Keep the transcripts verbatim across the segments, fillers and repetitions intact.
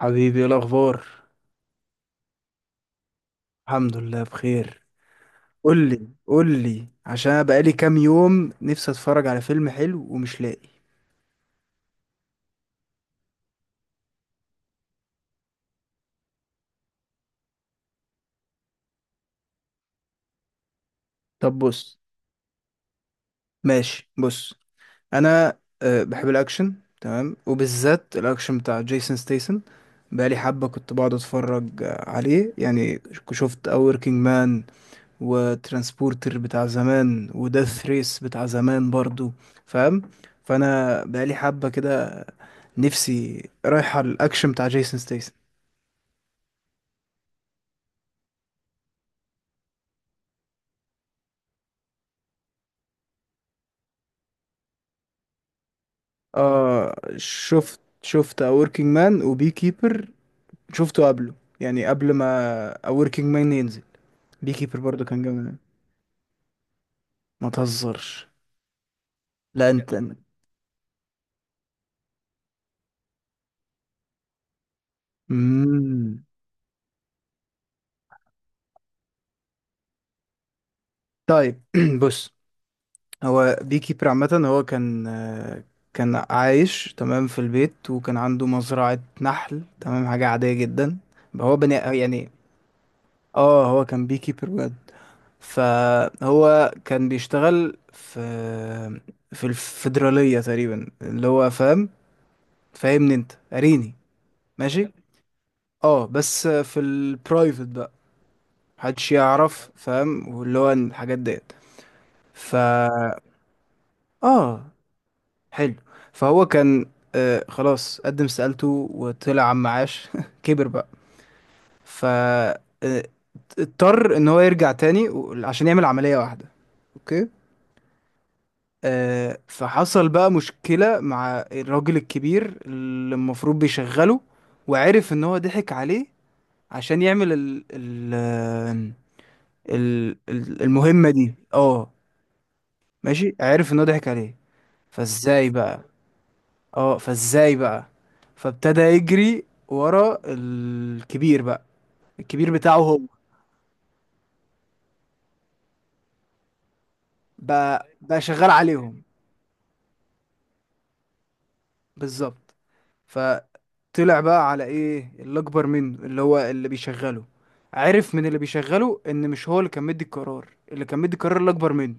حبيبي، ايه الاخبار؟ الحمد لله بخير. قول لي قول لي، عشان أنا بقالي كام يوم نفسي اتفرج على فيلم حلو ومش لاقي. طب بص. ماشي بص. انا أه بحب الاكشن. تمام، وبالذات الاكشن بتاع جيسون ستيسن. بقالي حبة كنت بقعد اتفرج آه، عليه، يعني ك- شفت اوركينج مان وترانسبورتر بتاع زمان وداث ريس بتاع زمان برضو، فاهم؟ فانا بقالي حبة كده نفسي رايحة الاكشن بتاع جيسون ستيسن. اه، شفت شفت A Working Man و Bee Keeper. شفته قبله، يعني قبل ما A Working Man ينزل. بي كيبر برضه كان جامد أوي. ما تهزرش. لا انت. امم. طيب، بص، هو بي كيبر عامة هو كان آه، كان عايش تمام في البيت، وكان عنده مزرعة نحل، تمام، حاجة عادية جدا، هو بني يعني. اه، هو كان بي كيبر بجد. فهو كان بيشتغل في في الفيدرالية تقريبا، اللي هو فاهم، فاهمني انت قاريني؟ ماشي. اه، بس في البرايفت بقى محدش يعرف، فاهم؟ واللي هو الحاجات ديت. ف اه حلو. فهو كان، آه خلاص، قدم استقالته وطلع عم معاش كبر بقى. ف آه، اضطر ان هو يرجع تاني و- عشان يعمل عملية واحدة. اوكي. آه، فحصل بقى مشكلة مع الراجل الكبير اللي المفروض بيشغله، وعرف ان هو ضحك عليه عشان يعمل ال ال ال ال- المهمة دي، اه. ماشي، عرف ان هو ضحك عليه. فازاي بقى؟ اه، فازاي بقى؟ فابتدى يجري ورا الكبير بقى، الكبير بتاعه هو، بقى بقى شغال عليهم. بالظبط. طلع بقى على ايه اللي اكبر منه، اللي هو اللي بيشغله. عرف من اللي بيشغله ان مش هو اللي كان مدي القرار، اللي كان مدي القرار اللي اكبر منه،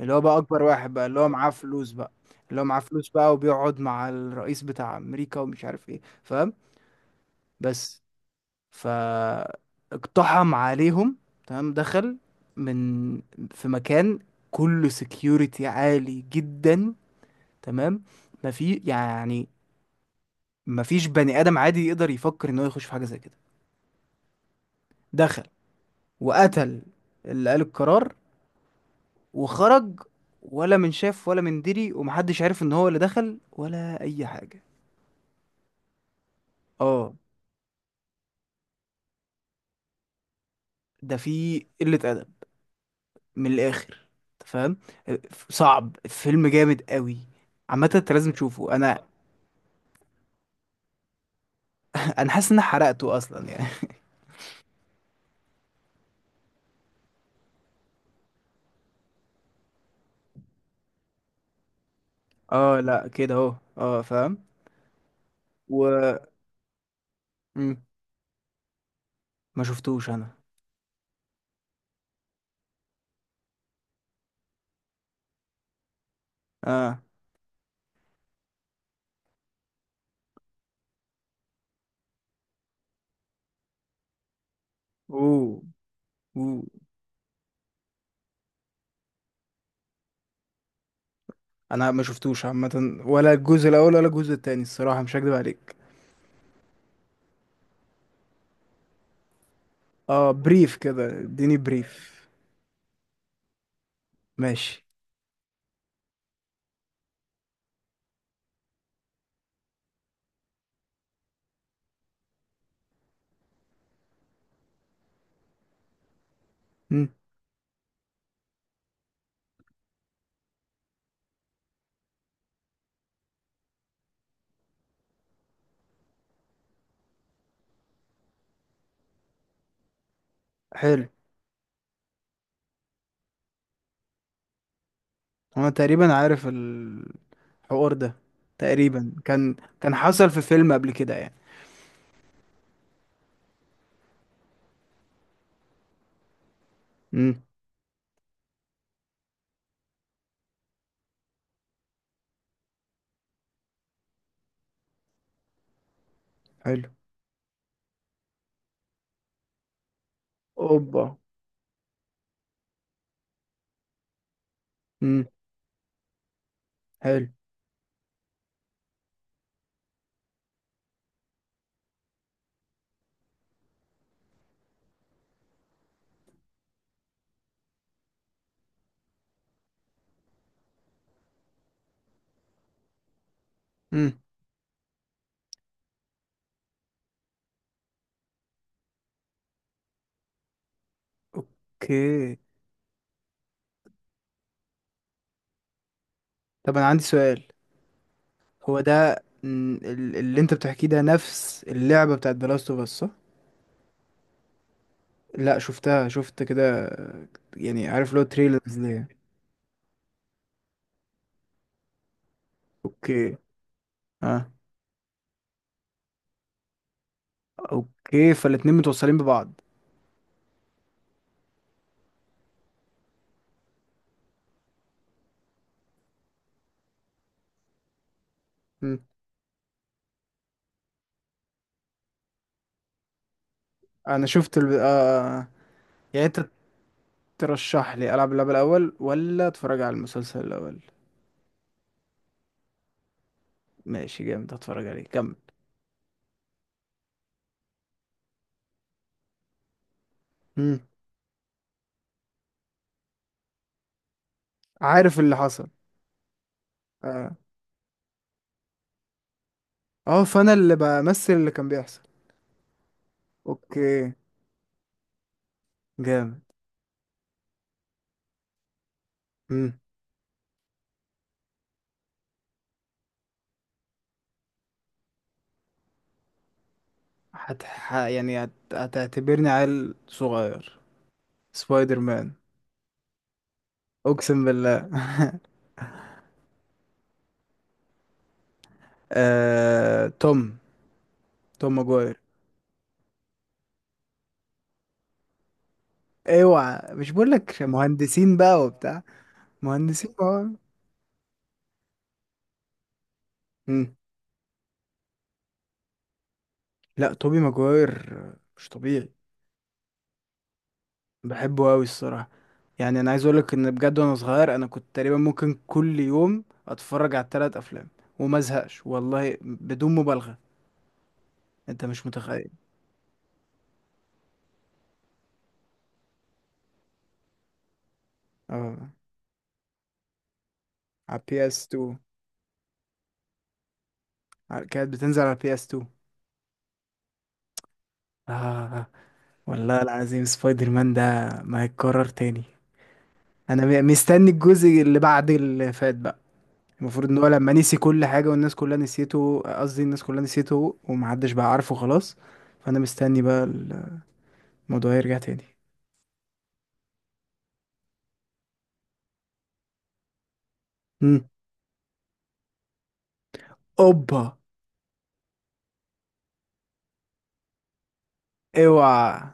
اللي هو بقى اكبر واحد بقى، اللي هو معاه فلوس بقى اللي هو معاه فلوس بقى، وبيقعد مع الرئيس بتاع امريكا ومش عارف ايه، فاهم؟ بس. ف اقتحم عليهم، تمام، دخل من في مكان كله سكيورتي عالي جدا، تمام، ما في يعني ما فيش بني ادم عادي يقدر يفكر ان هو يخش في حاجه زي كده. دخل وقتل اللي قال القرار وخرج، ولا من شاف ولا من دري، ومحدش عارف ان هو اللي دخل ولا اي حاجة. اه، ده في قلة ادب من الاخر، أنت فاهم؟ صعب، فيلم جامد قوي، عامة انت لازم تشوفه. انا انا حاسس ان أنا حرقته اصلا يعني. اه لا، كده اهو، اه فاهم. و مم. ما شفتوش انا. اه. اوه. اوه. انا ما شفتوش عامة، ولا الجزء الاول ولا الجزء التاني، الصراحة مش هكدب عليك. اه، بريف كده، اديني بريف. ماشي. مم. حلو. انا تقريبا عارف الحوار ده، تقريبا كان كان حصل في فيلم قبل كده يعني. مم. حلو. اوبا. مم. حلو. مم. اوكي. طب انا عندي سؤال. هو ده مم، ال- اللي انت بتحكيه ده نفس اللعبة بتاعت The Last of Us، صح؟ لا، شفتها، شفت كده، يعني عارف لو تريلرز ليها. اوكي. اه. اوكي، فالاتنين متوصلين ببعض. انا شفت ال... آه... يعني انت ترشح لي العب اللعبة الاول ولا اتفرج على المسلسل الاول؟ ماشي، جامد، اتفرج عليه، كمل. مم. عارف اللي حصل. اه، آه، فانا اللي بمثل اللي كان بيحصل. اوكي، جامد. مم. هت... ح... يعني هت... هتعتبرني عيل صغير. سبايدر مان، اقسم بالله. آه... توم، توم ماجواير. اوعى مش بقول لك مهندسين بقى وبتاع، مهندسين بقى. مم. لا، توبي ماجواير مش طبيعي، بحبه قوي الصراحه. يعني انا عايز اقولك ان بجد وانا صغير انا كنت تقريبا ممكن كل يوم اتفرج على الثلاث افلام وما ازهقش، والله بدون مبالغه، انت مش متخيل. اه، على بي اس تو، على- كانت بتنزل على بي اس اتنين. اه، والله العظيم، سبايدر مان ده ما هيتكرر تاني. انا م- مستني الجزء اللي بعد اللي فات بقى، المفروض ان هو لما نسي كل حاجه والناس كلها نسيته، قصدي الناس كلها نسيته ومحدش بقى عارفه خلاص، فانا مستني بقى الموضوع يرجع تاني. اوبا. اوعى.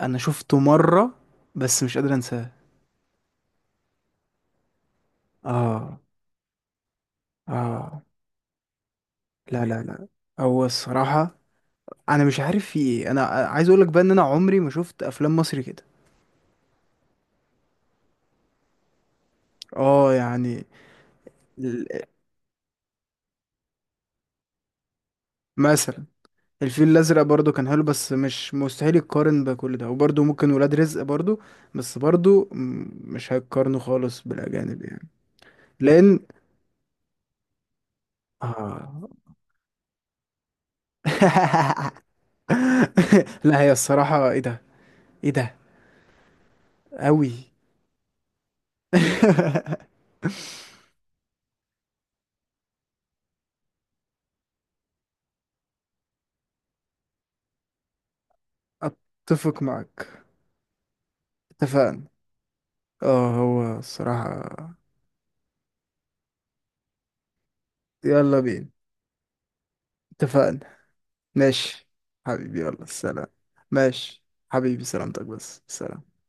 انا شفته مرة بس مش قادر انساه. اه. اه. لا لا لا، هو الصراحة انا مش عارف في ايه. انا عايز اقولك بقى ان انا عمري ما شفت افلام مصري كده. اه يعني ال- مثلا الفيل الازرق برضو كان حلو، بس مش مستحيل يتقارن بكل ده، وبرضو ممكن ولاد رزق برضو، بس برضو م- مش هيتقارنوا خالص بالاجانب يعني، لان، اه. لا، هي الصراحة ايه ده، ايه ده أوي. أتفق معك، اتفقنا. اه، هو الصراحة يلا بينا. اتفقنا، ماشي. حبيبي، يلا سلام. ماشي، حبيبي، سلامتك، بس سلام.